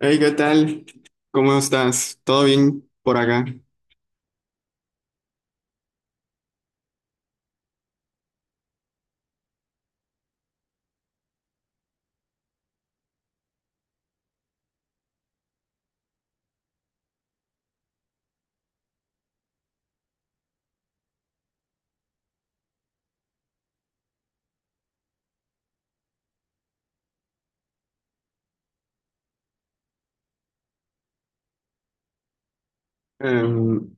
Hey, ¿qué tal? ¿Cómo estás? ¿Todo bien por acá? Em,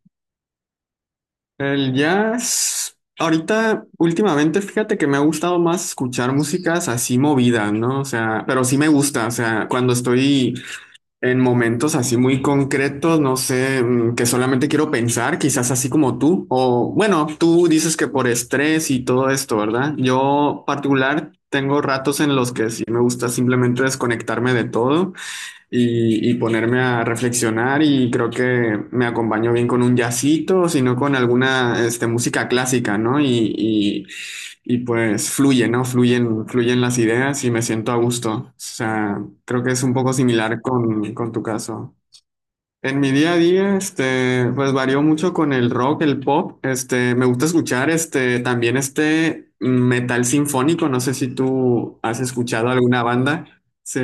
el jazz, ahorita, últimamente, fíjate que me ha gustado más escuchar músicas así movidas, ¿no? O sea, pero sí me gusta, o sea, cuando estoy en momentos así muy concretos, no sé, que solamente quiero pensar, quizás así como tú, o bueno, tú dices que por estrés y todo esto, ¿verdad? Yo particular tengo ratos en los que sí me gusta simplemente desconectarme de todo y ponerme a reflexionar y creo que me acompañó bien con un jazzito, sino con alguna este, música clásica, ¿no? Y, y pues fluye, ¿no? Fluyen las ideas y me siento a gusto. O sea, creo que es un poco similar con, tu caso. En mi día a día, este, pues varió mucho con el rock, el pop. Este, me gusta escuchar, este, también este metal sinfónico. No sé si tú has escuchado alguna banda. Sí.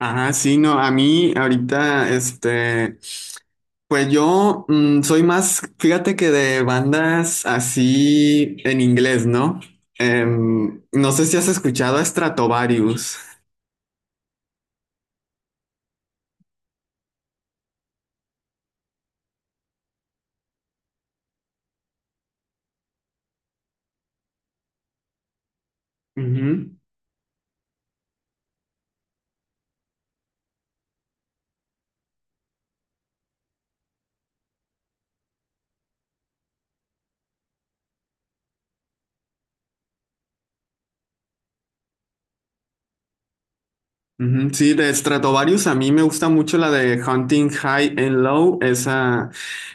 Ajá, sí, no, a mí ahorita, este, pues yo soy más, fíjate que de bandas así en inglés, ¿no? No sé si has escuchado a Stratovarius. Ujú. Ujú, sí, de Stratovarius a mí me gusta mucho la de Hunting High and Low, esa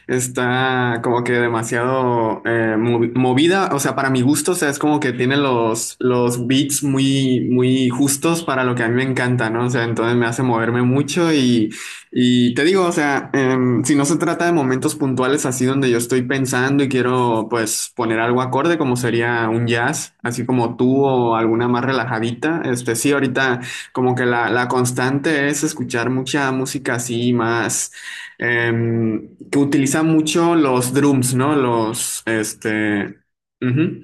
está como que demasiado movida, o sea, para mi gusto, o sea, es como que tiene los, beats muy, muy justos para lo que a mí me encanta, ¿no? O sea, entonces me hace moverme mucho y te digo, o sea, si no se trata de momentos puntuales así donde yo estoy pensando y quiero pues poner algo acorde como sería un jazz, así como tú o alguna más relajadita, este sí, ahorita. Como que la constante es escuchar mucha música así más que utiliza mucho los drums, ¿no? Los, este, ujú,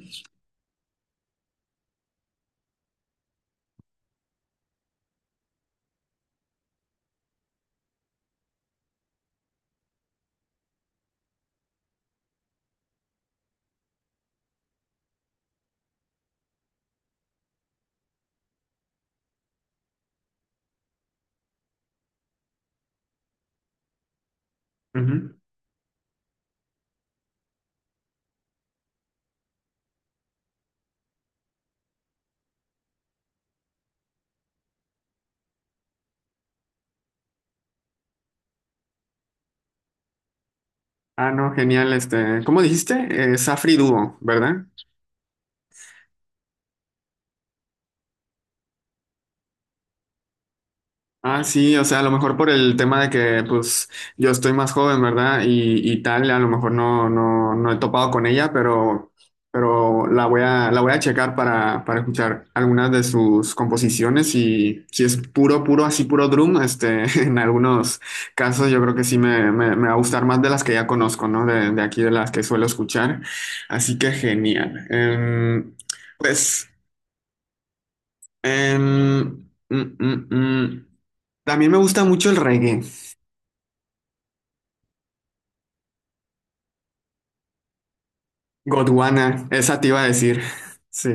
ujú. Ah, no, genial, este, ¿cómo dijiste? Safri Duo, ¿verdad? Ah, sí, o sea, a lo mejor por el tema de que, pues, yo estoy más joven, ¿verdad? Y tal, a lo mejor no, no, no he topado con ella, pero la voy a, checar para escuchar algunas de sus composiciones y si es puro, puro, así puro drum, este, en algunos casos yo creo que sí me, va a gustar más de las que ya conozco, ¿no? de aquí, de las que suelo escuchar. Así que genial. Pues, em, mm, mm, mm. También me gusta mucho el reggae. Gondwana, esa te iba a decir. Sí.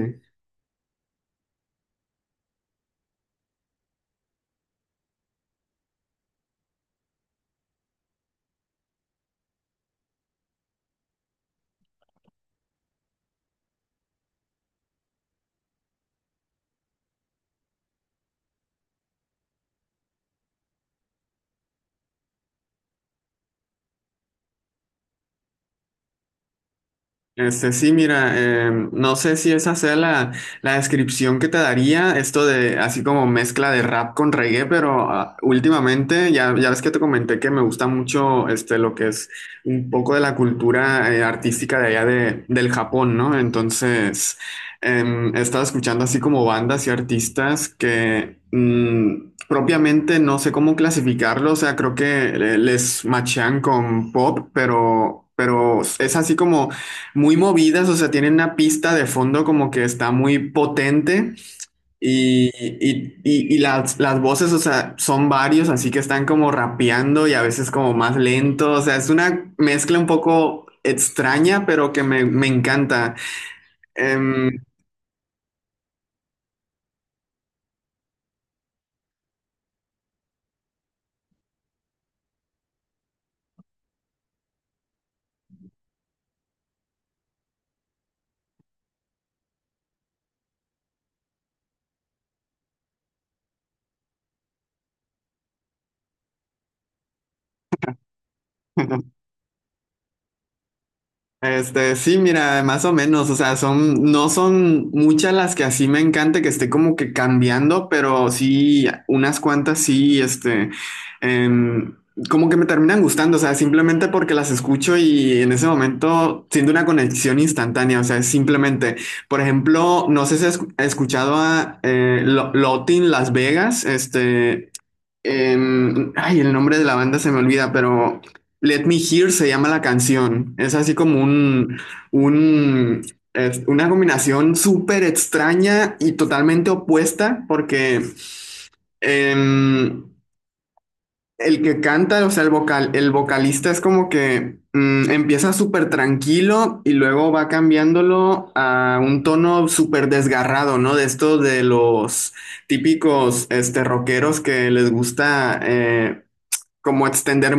Este, sí, mira, no sé si esa sea la, descripción que te daría, esto de así como mezcla de rap con reggae, pero últimamente ya, ya ves que te comenté que me gusta mucho este, lo que es un poco de la cultura artística de allá del Japón, ¿no? Entonces, he estado escuchando así como bandas y artistas que propiamente no sé cómo clasificarlo, o sea, creo que les machean con pop, Pero es así como muy movidas, o sea, tienen una pista de fondo como que está muy potente y las, voces, o sea, son varios, así que están como rapeando y a veces como más lento, o sea, es una mezcla un poco extraña, pero que me encanta. Em, Este, sí, mira, más o menos, o sea, no son muchas las que así me encanta que esté como que cambiando, pero sí, unas cuantas sí, este, em, como que me terminan gustando, o sea, simplemente porque las escucho y en ese momento siento una conexión instantánea, o sea, es simplemente, por ejemplo, no sé si has escuchado a Lotin Las Vegas, este, ay, el nombre de la banda se me olvida, pero Let Me Hear se llama la canción. Es así como un, es una combinación súper extraña y totalmente opuesta, porque em, el que canta, o sea, el vocal, el vocalista es como que empieza súper tranquilo y luego va cambiándolo a un tono súper desgarrado, ¿no? De estos de los típicos este, rockeros que les gusta como extender,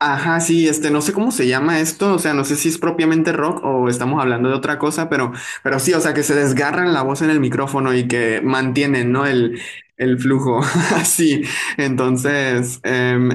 ajá, sí, este, no sé cómo se llama esto, o sea, no sé si es propiamente rock o estamos hablando de otra cosa, pero sí, o sea, que se desgarran la voz en el micrófono y que mantienen, ¿no? El flujo, así. Entonces,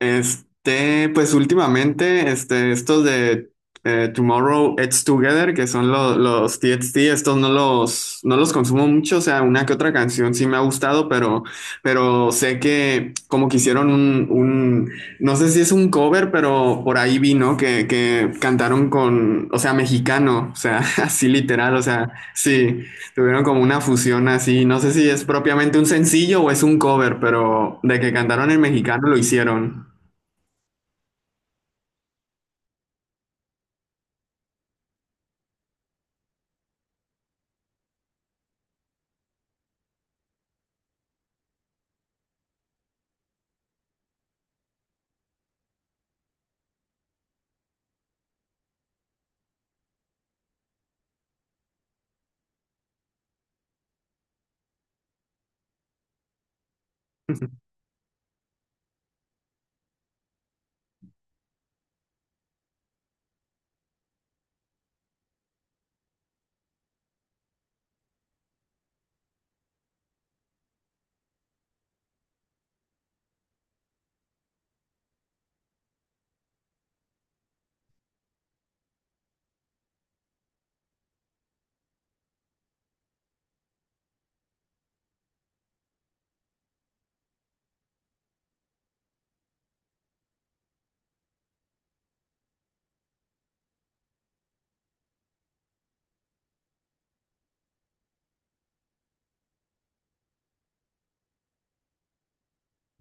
este, pues últimamente, este, estos de Tomorrow It's Together, que son los TXT, estos no los, no los consumo mucho, o sea, una que otra canción sí me ha gustado, pero sé que como que hicieron no sé si es un cover, pero por ahí vi, ¿no? Que cantaron con, o sea, mexicano, o sea, así literal, o sea, sí. Tuvieron como una fusión así, no sé si es propiamente un sencillo o es un cover, pero de que cantaron en mexicano lo hicieron.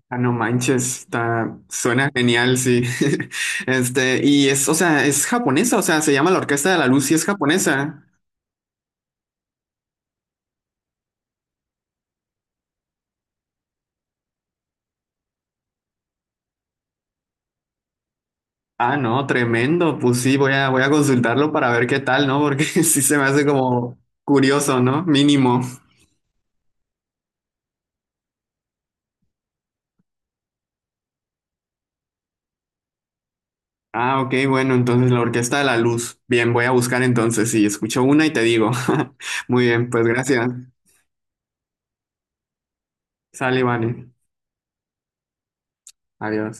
Ah, no manches, está, suena genial, sí. Este, y es, o sea, es japonesa, o sea, se llama la Orquesta de la Luz y es japonesa. Ah, no, tremendo, pues sí, voy a, consultarlo para ver qué tal, ¿no? Porque sí se me hace como curioso, ¿no? Mínimo. Ah, ok, bueno, entonces la Orquesta de la Luz. Bien, voy a buscar entonces, sí, escucho una y te digo. Muy bien, pues gracias. Sale, vale. Adiós.